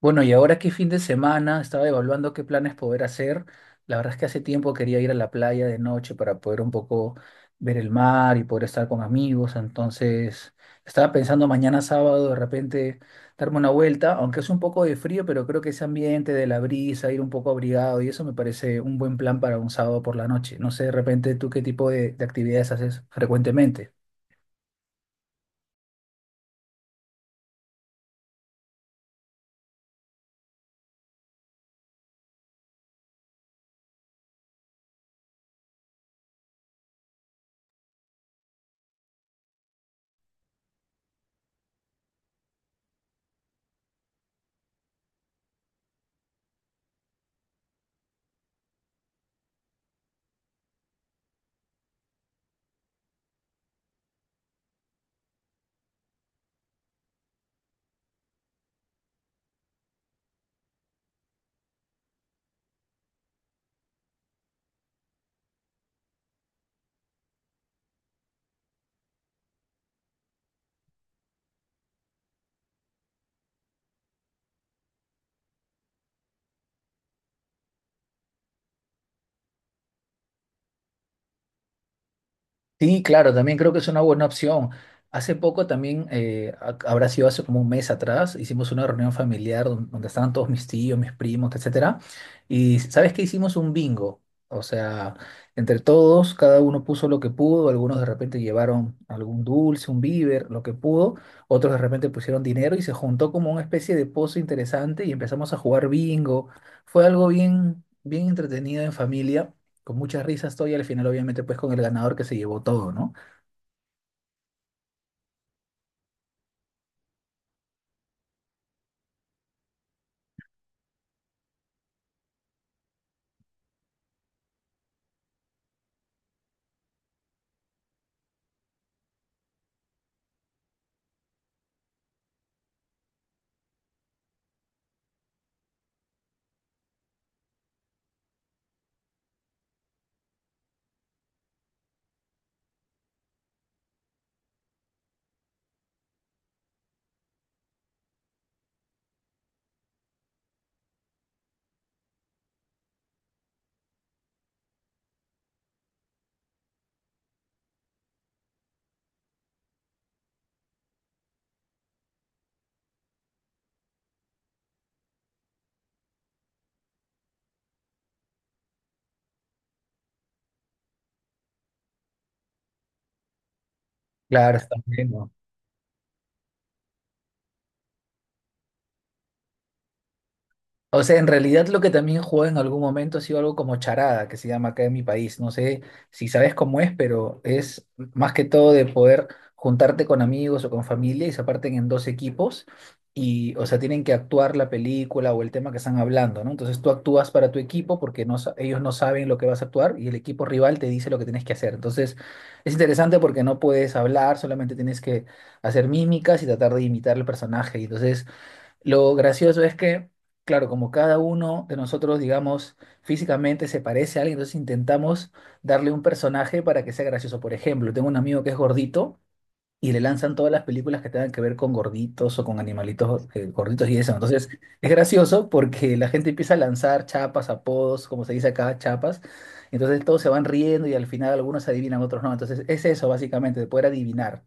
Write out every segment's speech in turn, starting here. Bueno, y ahora que fin de semana estaba evaluando qué planes poder hacer. La verdad es que hace tiempo quería ir a la playa de noche para poder un poco ver el mar y poder estar con amigos. Entonces, estaba pensando mañana sábado de repente darme una vuelta, aunque es un poco de frío, pero creo que ese ambiente de la brisa, ir un poco abrigado y eso me parece un buen plan para un sábado por la noche. No sé, de repente, ¿tú qué tipo de actividades haces frecuentemente? Sí, claro, también creo que es una buena opción. Hace poco también, habrá sido hace como un mes atrás, hicimos una reunión familiar donde estaban todos mis tíos, mis primos, etcétera. Y sabes que hicimos un bingo. O sea, entre todos, cada uno puso lo que pudo, algunos de repente llevaron algún dulce, un víver, lo que pudo, otros de repente pusieron dinero y se juntó como una especie de pozo interesante y empezamos a jugar bingo. Fue algo bien, bien entretenido en familia con muchas risas estoy y al final obviamente pues con el ganador que se llevó todo, ¿no? Claro, está bien, ¿no? O sea, en realidad lo que también jugó en algún momento ha sido algo como charada, que se llama acá en mi país. No sé si sabes cómo es, pero es más que todo de poder juntarte con amigos o con familia y se parten en dos equipos y, o sea, tienen que actuar la película o el tema que están hablando, ¿no? Entonces tú actúas para tu equipo porque no, ellos no saben lo que vas a actuar y el equipo rival te dice lo que tienes que hacer. Entonces es interesante porque no puedes hablar, solamente tienes que hacer mímicas y tratar de imitar el personaje. Y entonces lo gracioso es que, claro, como cada uno de nosotros, digamos, físicamente se parece a alguien, entonces intentamos darle un personaje para que sea gracioso. Por ejemplo, tengo un amigo que es gordito y le lanzan todas las películas que tengan que ver con gorditos o con animalitos gorditos y eso. Entonces, es gracioso porque la gente empieza a lanzar chapas, apodos, como se dice acá, chapas. Entonces todos se van riendo y al final algunos adivinan, otros no. Entonces, es eso básicamente, de poder adivinar.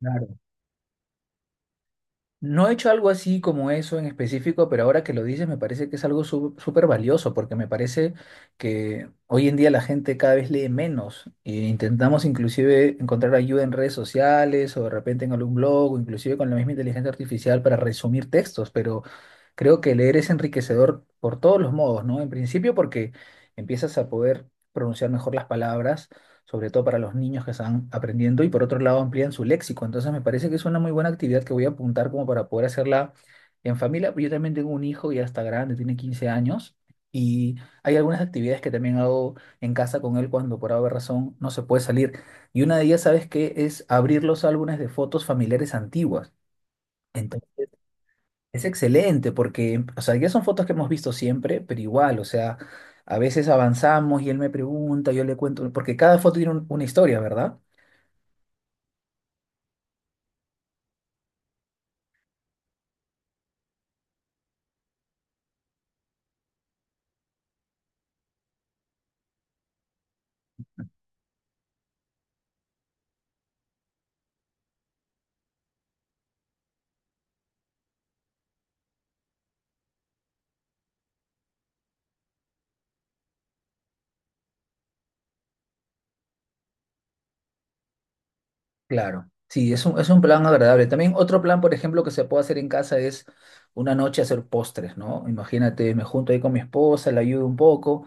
Claro. No he hecho algo así como eso en específico, pero ahora que lo dices me parece que es algo súper valioso, porque me parece que hoy en día la gente cada vez lee menos e intentamos inclusive encontrar ayuda en redes sociales o de repente en algún blog o inclusive con la misma inteligencia artificial para resumir textos, pero creo que leer es enriquecedor por todos los modos, ¿no? En principio porque empiezas a poder pronunciar mejor las palabras sobre todo para los niños que están aprendiendo, y por otro lado amplían su léxico. Entonces me parece que es una muy buena actividad que voy a apuntar como para poder hacerla en familia. Yo también tengo un hijo ya está grande, tiene 15 años, y hay algunas actividades que también hago en casa con él cuando por alguna razón no se puede salir. Y una de ellas, ¿sabes qué? Es abrir los álbumes de fotos familiares antiguas. Entonces, es excelente porque, o sea, ya son fotos que hemos visto siempre, pero igual, o sea, a veces avanzamos y él me pregunta, yo le cuento, porque cada foto tiene una historia, ¿verdad? Claro, sí, es es un plan agradable. También otro plan, por ejemplo, que se puede hacer en casa es una noche hacer postres, ¿no? Imagínate, me junto ahí con mi esposa, la ayudo un poco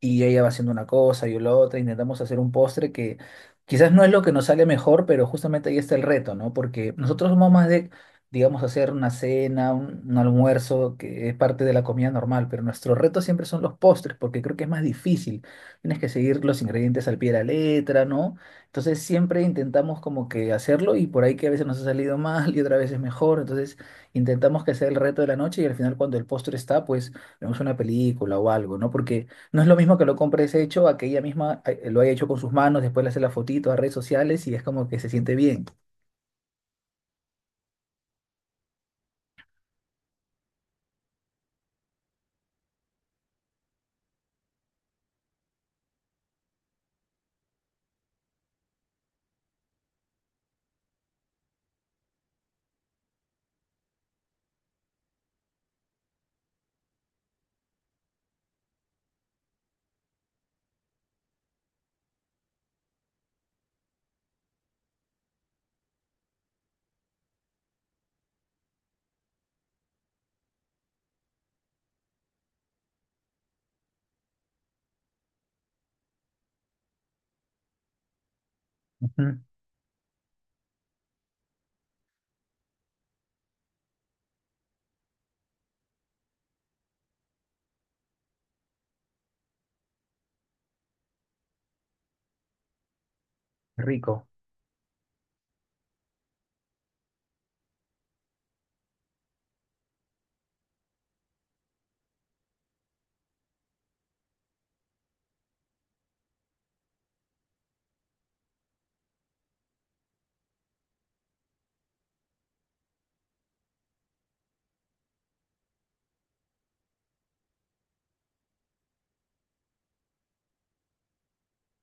y ella va haciendo una cosa, yo la otra, intentamos hacer un postre que quizás no es lo que nos sale mejor, pero justamente ahí está el reto, ¿no? Porque nosotros somos más de, digamos, hacer una cena, un almuerzo, que es parte de la comida normal, pero nuestro reto siempre son los postres, porque creo que es más difícil. Tienes que seguir los ingredientes al pie de la letra, ¿no? Entonces siempre intentamos como que hacerlo y por ahí que a veces nos ha salido mal y otra vez es mejor. Entonces intentamos que sea el reto de la noche y al final cuando el postre está, pues vemos una película o algo, ¿no? Porque no es lo mismo que lo compres hecho a que ella misma lo haya hecho con sus manos, después le hace la fotito a redes sociales y es como que se siente bien. Ujú. Rico.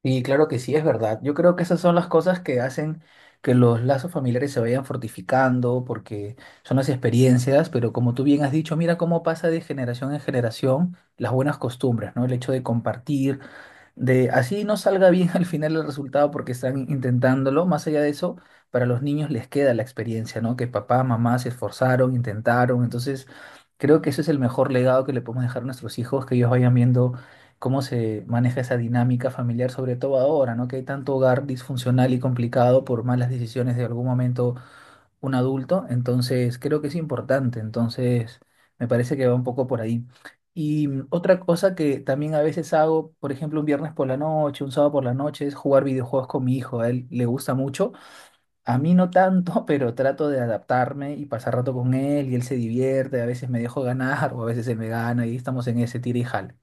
Y claro que sí, es verdad. Yo creo que esas son las cosas que hacen que los lazos familiares se vayan fortificando, porque son las experiencias, pero como tú bien has dicho, mira cómo pasa de generación en generación las buenas costumbres, ¿no? El hecho de compartir, de así no salga bien al final el resultado porque están intentándolo. Más allá de eso, para los niños les queda la experiencia, ¿no? Que papá, mamá se esforzaron, intentaron. Entonces, creo que ese es el mejor legado que le podemos dejar a nuestros hijos, que ellos vayan viendo cómo se maneja esa dinámica familiar, sobre todo ahora, ¿no? Que hay tanto hogar disfuncional y complicado por malas decisiones de algún momento un adulto, entonces creo que es importante, entonces me parece que va un poco por ahí. Y otra cosa que también a veces hago, por ejemplo, un viernes por la noche, un sábado por la noche, es jugar videojuegos con mi hijo, a él le gusta mucho, a mí no tanto, pero trato de adaptarme y pasar rato con él y él se divierte, a veces me dejo ganar o a veces él me gana y estamos en ese tira y jala.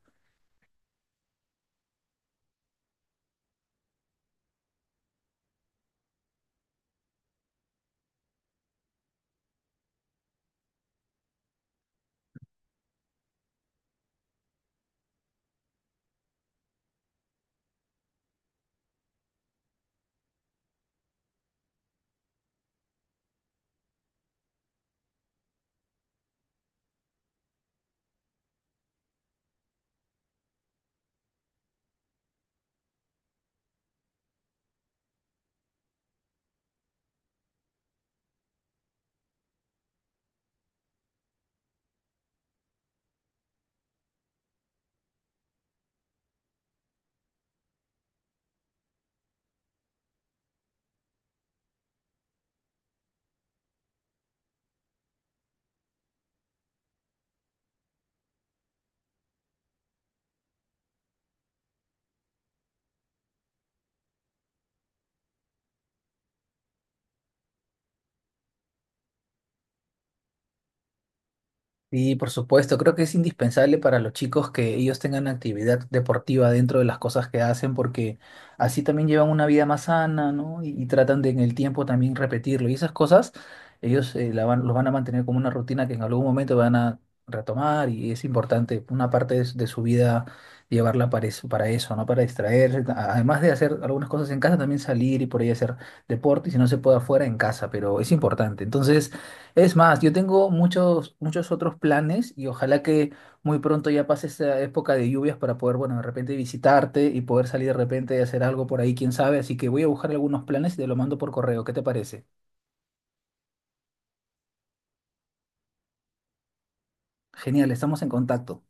Sí, por supuesto, creo que es indispensable para los chicos que ellos tengan actividad deportiva dentro de las cosas que hacen, porque así también llevan una vida más sana, ¿no? Y tratan de en el tiempo también repetirlo. Y esas cosas, ellos los van a mantener como una rutina que en algún momento van a retomar y es importante una parte de su vida llevarla para eso, ¿no? Para distraerse, además de hacer algunas cosas en casa, también salir y por ahí hacer deporte, y si no se puede afuera, en casa, pero es importante. Entonces, es más, yo tengo muchos, muchos otros planes y ojalá que muy pronto ya pase esta época de lluvias para poder, bueno, de repente visitarte y poder salir de repente y hacer algo por ahí, quién sabe. Así que voy a buscar algunos planes y te lo mando por correo. ¿Qué te parece? Genial, estamos en contacto.